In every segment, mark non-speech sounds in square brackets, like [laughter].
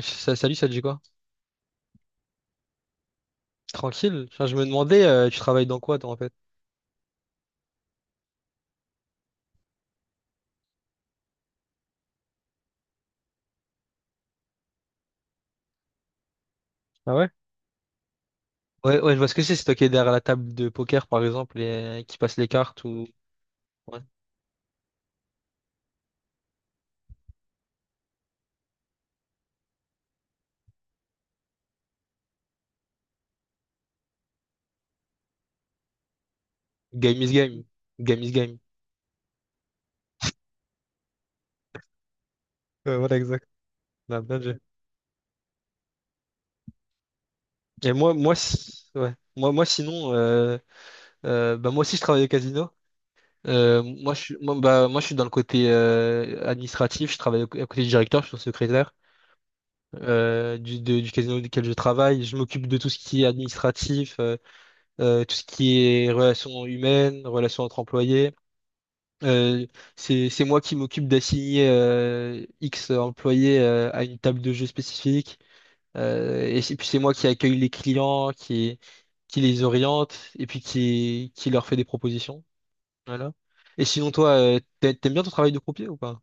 Salut, ça te dit quoi? Tranquille. Enfin, je me demandais, tu travailles dans quoi, toi, en fait? Ah ouais? Ouais, ouais, je vois ce que c'est. C'est toi qui es derrière la table de poker, par exemple, et qui passe les cartes ou. Ouais. Game is game. Game is game. Ouais, voilà, exact. Ah, bien joué. Et moi, moi, ouais. Moi, moi, sinon, bah, moi aussi, je travaille au casino. Moi, je suis, moi, bah, moi, je suis dans le côté administratif. Je travaille à côté du directeur, je suis son secrétaire du, du casino duquel je travaille. Je m'occupe de tout ce qui est administratif. Tout ce qui est relations humaines, relations entre employés. Euh, c'est moi qui m'occupe d'assigner X employés à une table de jeu spécifique. Et puis c'est moi qui accueille les clients, qui les oriente et puis qui leur fait des propositions. Voilà. Et sinon, toi, t'aimes bien ton travail de croupier ou pas?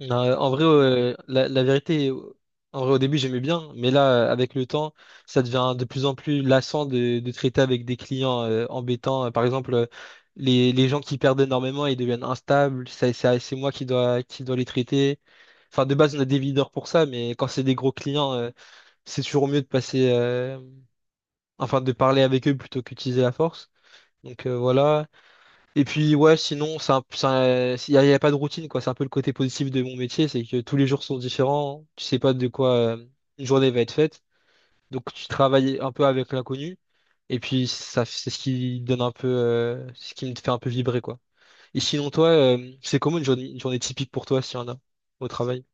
Non, en vrai, la, la vérité, en vrai, au début, j'aimais bien, mais là, avec le temps, ça devient de plus en plus lassant de traiter avec des clients embêtants. Par exemple, les gens qui perdent énormément, ils deviennent instables. C'est moi qui dois les traiter. Enfin, de base, on a des leaders pour ça, mais quand c'est des gros clients, c'est toujours mieux de passer, enfin, de parler avec eux plutôt qu'utiliser la force. Donc voilà. Et puis ouais, sinon, il n'y a, il y a pas de routine, quoi. C'est un peu le côté positif de mon métier, c'est que tous les jours sont différents. Tu sais pas de quoi une journée va être faite. Donc tu travailles un peu avec l'inconnu. Et puis ça, c'est ce qui donne un peu, ce qui me fait un peu vibrer, quoi. Et sinon, toi, c'est comment une journée typique pour toi, s'il y en a, au travail?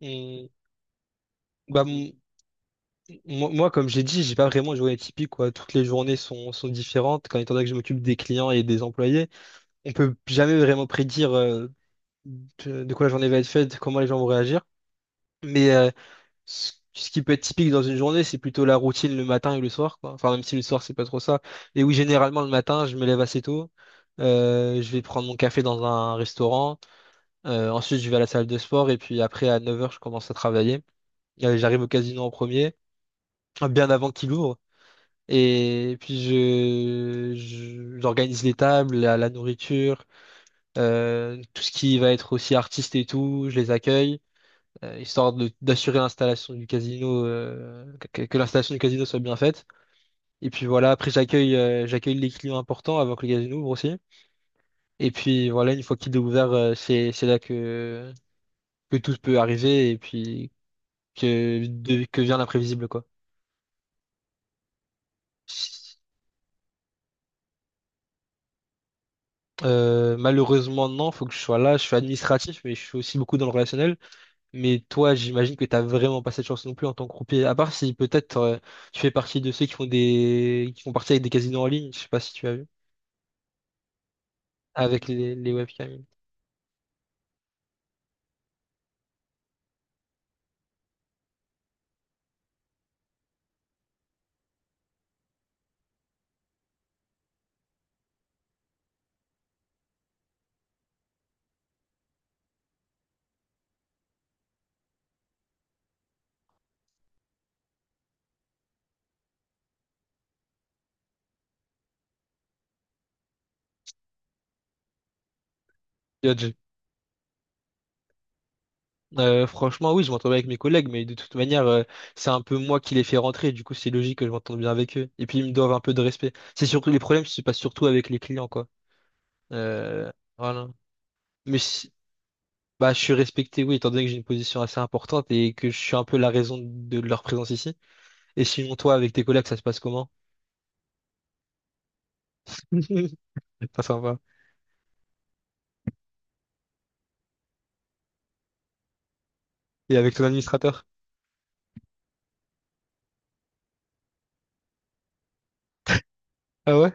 Hum, Bah, m- moi, moi, comme j'ai dit, j'ai pas vraiment une journée typique, quoi. Toutes les journées sont, sont différentes, quand étant donné que je m'occupe des clients et des employés on peut jamais vraiment prédire de quoi la journée va être faite, comment les gens vont réagir. Mais ce, ce qui peut être typique dans une journée, c'est plutôt la routine le matin et le soir, quoi. Enfin, même si le soir, c'est pas trop ça. Et oui, généralement, le matin, je me lève assez tôt. Je vais prendre mon café dans un restaurant. Ensuite, je vais à la salle de sport. Et puis après, à 9 heures, je commence à travailler. J'arrive au casino en premier, bien avant qu'il ouvre. Et puis, je, j'organise les tables, la nourriture, tout ce qui va être aussi artiste et tout, je les accueille. Histoire d'assurer l'installation du casino, que l'installation du casino soit bien faite. Et puis voilà, après j'accueille j'accueille les clients importants avant que le casino ouvre aussi. Et puis voilà, une fois qu'il est ouvert, c'est là que tout peut arriver et puis que que vient l'imprévisible quoi. Malheureusement non, faut que je sois là. Je suis administratif, mais je suis aussi beaucoup dans le relationnel. Mais toi, j'imagine que t'as vraiment pas cette chance non plus en tant que croupier. À part si peut-être tu fais partie de ceux qui font des qui font partie avec des casinos en ligne. Je sais pas si tu as vu. Avec les webcams. Dodge. Franchement, oui, je m'entends bien avec mes collègues, mais de toute manière, c'est un peu moi qui les fais rentrer, du coup, c'est logique que je m'entende bien avec eux. Et puis, ils me doivent un peu de respect. C'est surtout les problèmes se passent surtout avec les clients, quoi. Euh, voilà. Mais si- bah, je suis respecté, oui, étant donné que j'ai une position assez importante et que je suis un peu la raison de leur présence ici. Et sinon, toi, avec tes collègues, ça se passe comment? [laughs] Pas sympa. Et avec ton administrateur? Ah ouais?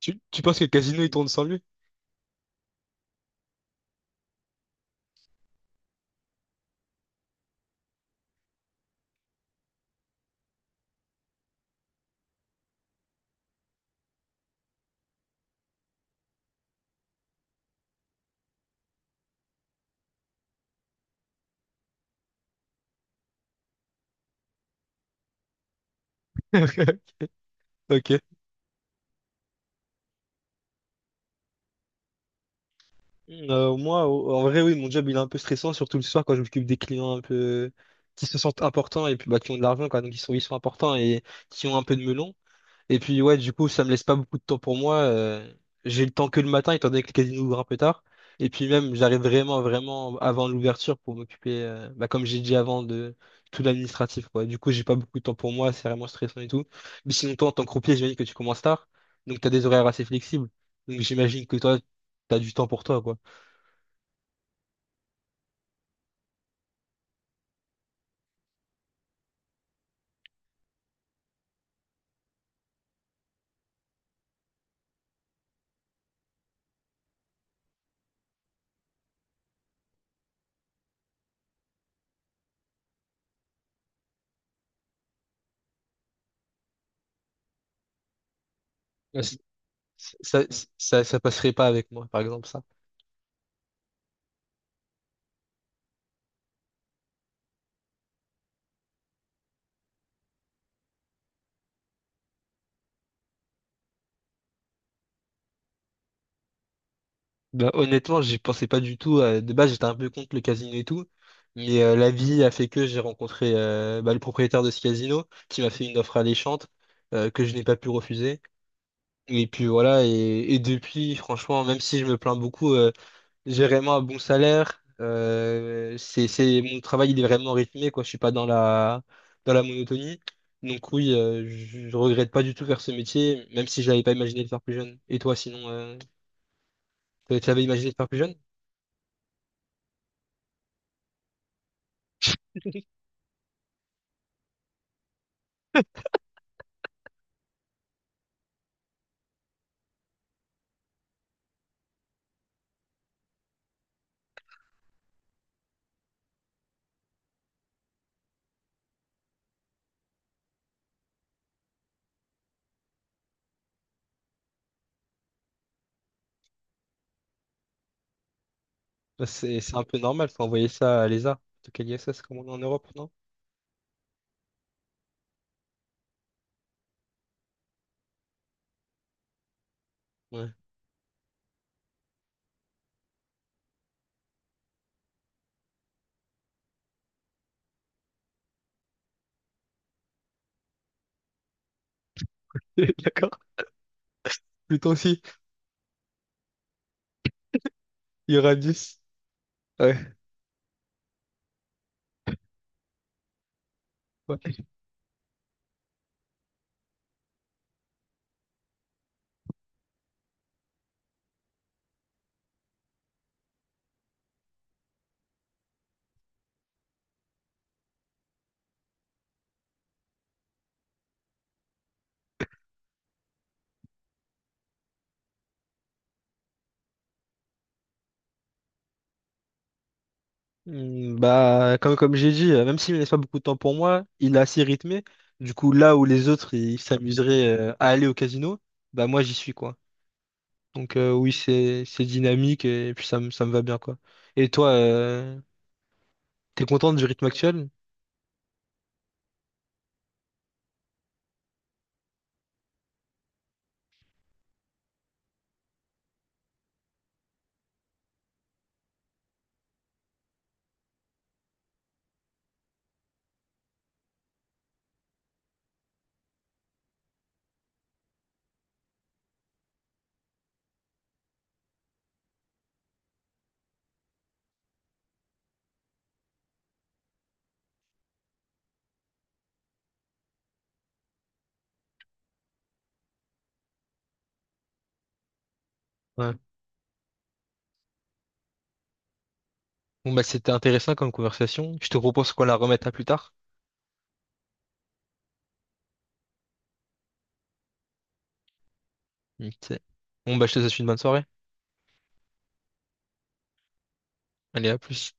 Tu penses que le casino, il tourne sans lui? [laughs] Ok. Moi, en vrai, oui, mon job, il est un peu stressant, surtout le soir quand je m'occupe des clients un peu qui se sentent importants et puis bah, qui ont de l'argent, quoi. Donc, ils sont importants et qui ont un peu de melon. Et puis, ouais, du coup, ça me laisse pas beaucoup de temps pour moi. J'ai le temps que le matin, étant donné que le casino ouvre un peu tard. Et puis, même, j'arrive vraiment, vraiment avant l'ouverture pour m'occuper, bah, comme j'ai dit avant, de tout l'administratif, quoi. Du coup, j'ai pas beaucoup de temps pour moi, c'est vraiment stressant et tout. Mais sinon, toi, en tant que croupier, j'imagine que tu commences tard. Donc, t'as des horaires assez flexibles. Donc, j'imagine que toi, t'as du temps pour toi, quoi. Ouais, ça, ça passerait pas avec moi, par exemple, ça. Bah, honnêtement, j'y pensais pas du tout. De base, j'étais un peu contre le casino et tout. Mais la vie a fait que j'ai rencontré bah, le propriétaire de ce casino qui m'a fait une offre alléchante que je n'ai pas pu refuser. Et puis voilà, et depuis, franchement, même si je me plains beaucoup, j'ai vraiment un bon salaire. Mon travail, il est vraiment rythmé, quoi. Je suis pas dans la, dans la monotonie. Donc oui, je regrette pas du tout faire ce métier, même si je n'avais pas imaginé de faire plus jeune. Et toi, sinon, tu avais imaginé de faire plus jeune? Bah, c'est un peu normal, faut envoyer ça à l'ESA. En tout cas, l'ISS, comme on est en Europe, non? Ouais. [laughs] D'accord. Pluton aussi, il y aura 10. Ouais. Ouais. Bah, comme, comme j'ai dit, même s'il ne laisse pas beaucoup de temps pour moi, il est assez rythmé. Du coup, là où les autres ils s'amuseraient à aller au casino, bah moi j'y suis quoi. Donc oui, c'est dynamique et puis ça me va bien quoi. Et toi, t'es contente du rythme actuel? Ouais. Bon bah c'était intéressant comme conversation. Je te propose qu'on la remette à plus tard. Ok. Bon bah je te souhaite une bonne soirée. Allez, à plus.